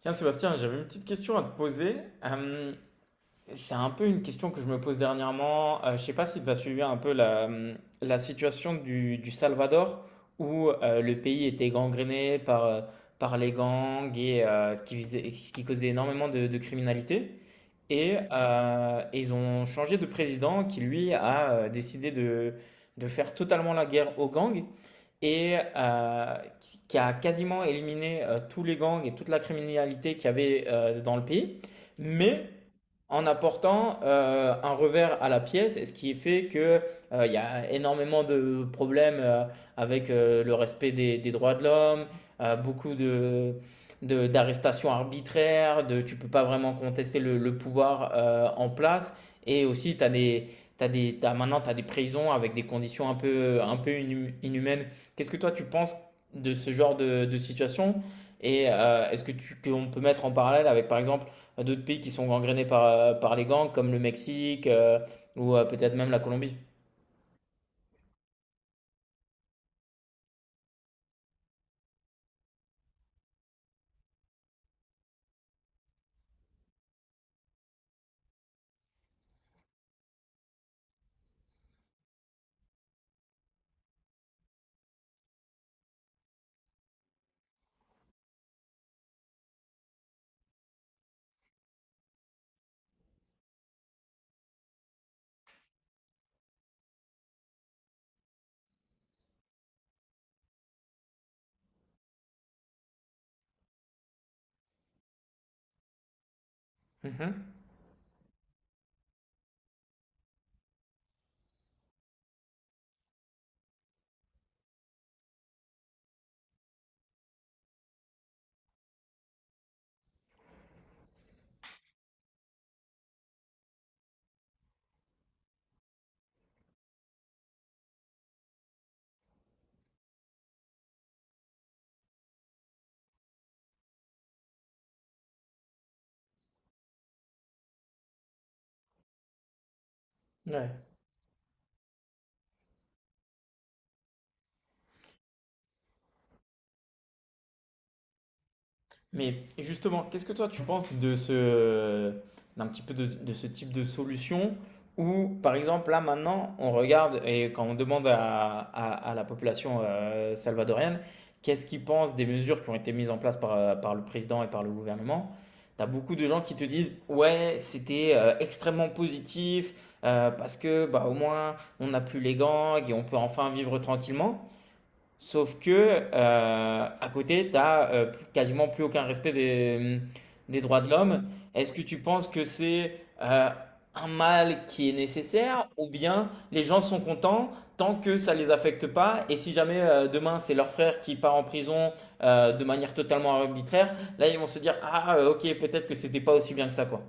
Tiens, Sébastien, j'avais une petite question à te poser. Euh, c'est un peu une question que je me pose dernièrement. Je sais pas si tu as suivi un peu la situation du Salvador, où le pays était gangréné par les gangs et ce qui causait énormément de criminalité. Et ils ont changé de président qui, lui, a décidé de faire totalement la guerre aux gangs et qui a quasiment éliminé tous les gangs et toute la criminalité qu'il y avait dans le pays. Mais en apportant un revers à la pièce, et ce qui fait que il y a énormément de problèmes avec le respect des droits de l'homme, beaucoup d'arrestations arbitraires, de tu peux pas vraiment contester le pouvoir en place, et aussi. Maintenant, tu as des prisons avec des conditions un peu inhumaines. Qu'est-ce que toi, tu penses de ce genre de situation? Et est-ce que qu'on peut mettre en parallèle avec, par exemple, d'autres pays qui sont gangrénés par les gangs, comme le Mexique ou peut-être même la Colombie. Mhm. Ouais. Mais justement, qu'est-ce que toi tu penses de d'un petit peu de ce type de solution où, par exemple, là maintenant, on regarde et quand on demande à la population salvadorienne qu'est-ce qu'ils pensent des mesures qui ont été mises en place par le président et par le gouvernement, t'as beaucoup de gens qui te disent ouais, c'était extrêmement positif parce que bah, au moins on n'a plus les gangs et on peut enfin vivre tranquillement. Sauf que, à côté, tu n'as quasiment plus aucun respect des droits de l'homme. Est-ce que tu penses que c'est un mal qui est nécessaire ou bien les gens sont contents tant que ça ne les affecte pas et si jamais demain c'est leur frère qui part en prison de manière totalement arbitraire, là ils vont se dire, ah ok, peut-être que c'était pas aussi bien que ça, quoi.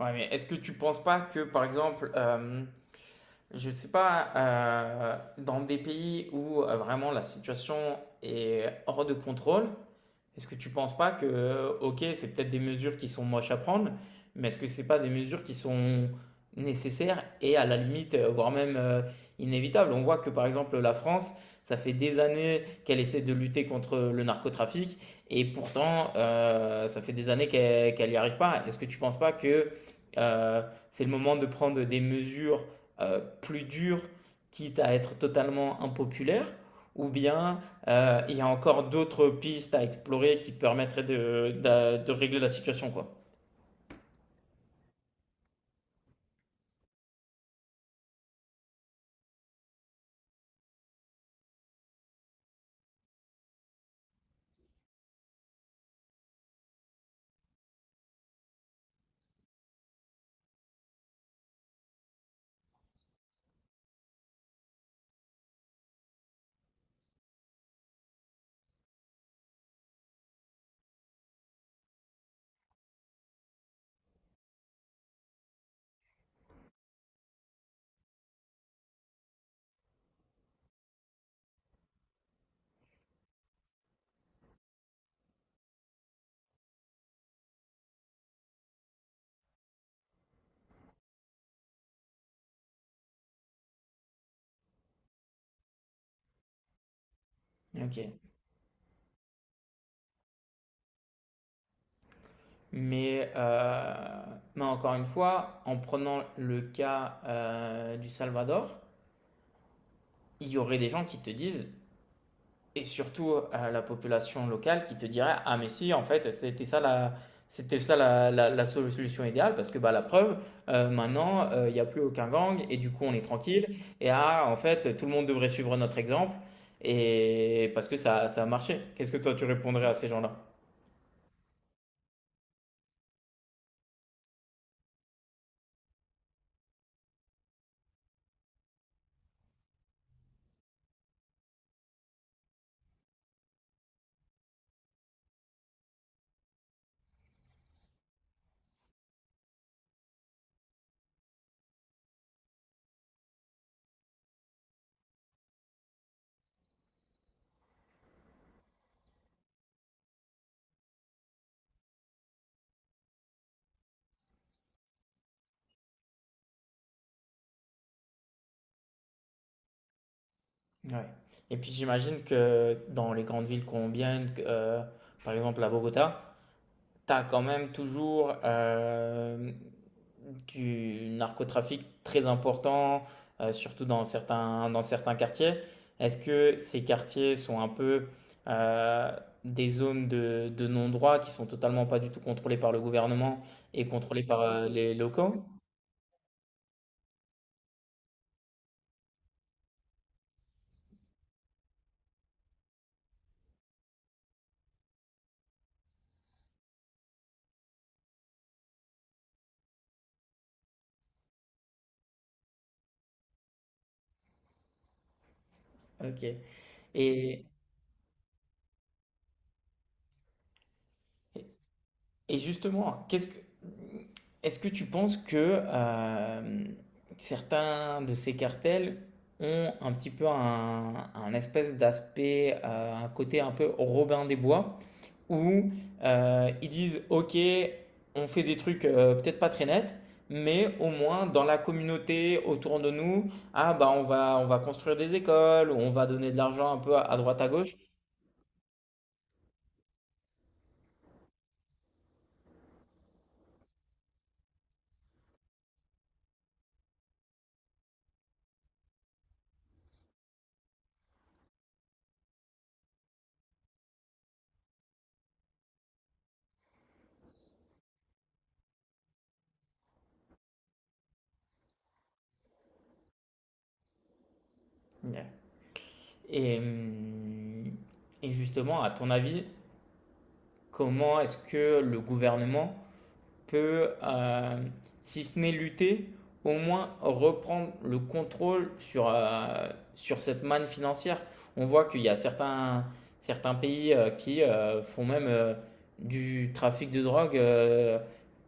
Ouais, mais est-ce que tu penses pas que, par exemple, je sais pas, dans des pays où vraiment la situation est hors de contrôle, est-ce que tu penses pas que, ok, c'est peut-être des mesures qui sont moches à prendre, mais est-ce que c'est pas des mesures qui sont nécessaires et à la limite, voire même inévitables? On voit que, par exemple, la France, ça fait des années qu'elle essaie de lutter contre le narcotrafic et pourtant, ça fait des années qu'elle n'y arrive pas. Est-ce que tu penses pas que euh, c'est le moment de prendre des mesures plus dures, quitte à être totalement impopulaires. Ou bien il y a encore d'autres pistes à explorer qui permettraient de régler la situation, quoi. Ok. Mais, mais encore une fois, en prenant le cas du Salvador, il y aurait des gens qui te disent, et surtout à la population locale qui te dirait, ah mais si, en fait, c'était ça c'était ça la solution idéale parce que bah, la preuve, maintenant, il n'y a plus aucun gang et du coup on est tranquille. Et ah, en fait, tout le monde devrait suivre notre exemple et parce que ça a marché. Qu'est-ce que toi tu répondrais à ces gens-là? Ouais. Et puis j'imagine que dans les grandes villes colombiennes, par exemple à Bogota, t'as quand même toujours du narcotrafic très important, surtout dans dans certains quartiers. Est-ce que ces quartiers sont un peu euh, des zones de non-droit qui sont totalement pas du tout contrôlées par le gouvernement et contrôlées par les locaux? Ok. Et, Et justement, est-ce que tu penses que certains de ces cartels ont un petit peu un espèce d'aspect, un côté un peu Robin des Bois, où ils disent, OK, on fait des trucs peut-être pas très nets, mais au moins dans la communauté autour de nous, ah bah on va construire des écoles, on va donner de l'argent un peu à droite à gauche. Ouais. Et, hum, et justement, à ton avis, comment est-ce que le gouvernement peut, si ce n'est lutter, au moins reprendre le contrôle sur, sur cette manne financière. On voit qu'il y a certains pays qui font même du trafic de drogue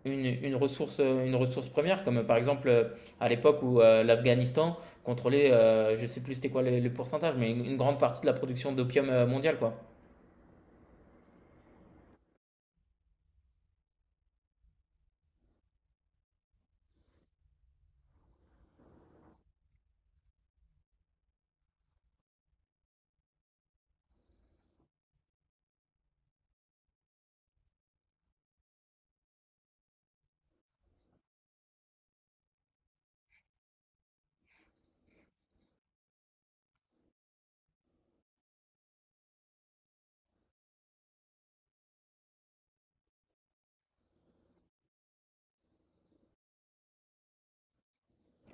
une ressource première, comme par exemple à l'époque où l'Afghanistan contrôlait, je ne sais plus c'était quoi le pourcentage, mais une grande partie de la production d'opium mondiale, quoi.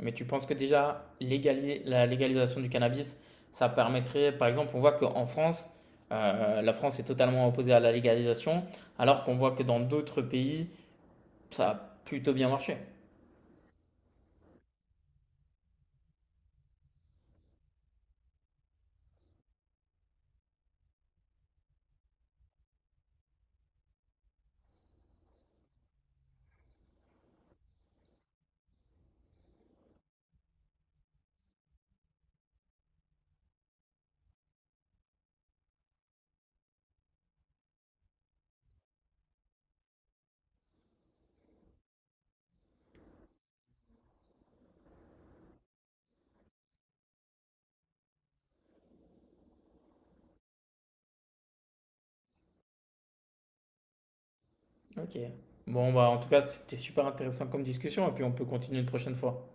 Mais tu penses que déjà, la légalisation du cannabis, ça permettrait, par exemple, on voit qu'en France, la France est totalement opposée à la légalisation, alors qu'on voit que dans d'autres pays, ça a plutôt bien marché. Ok. Bon, bah, en tout cas, c'était super intéressant comme discussion, et puis on peut continuer une prochaine fois.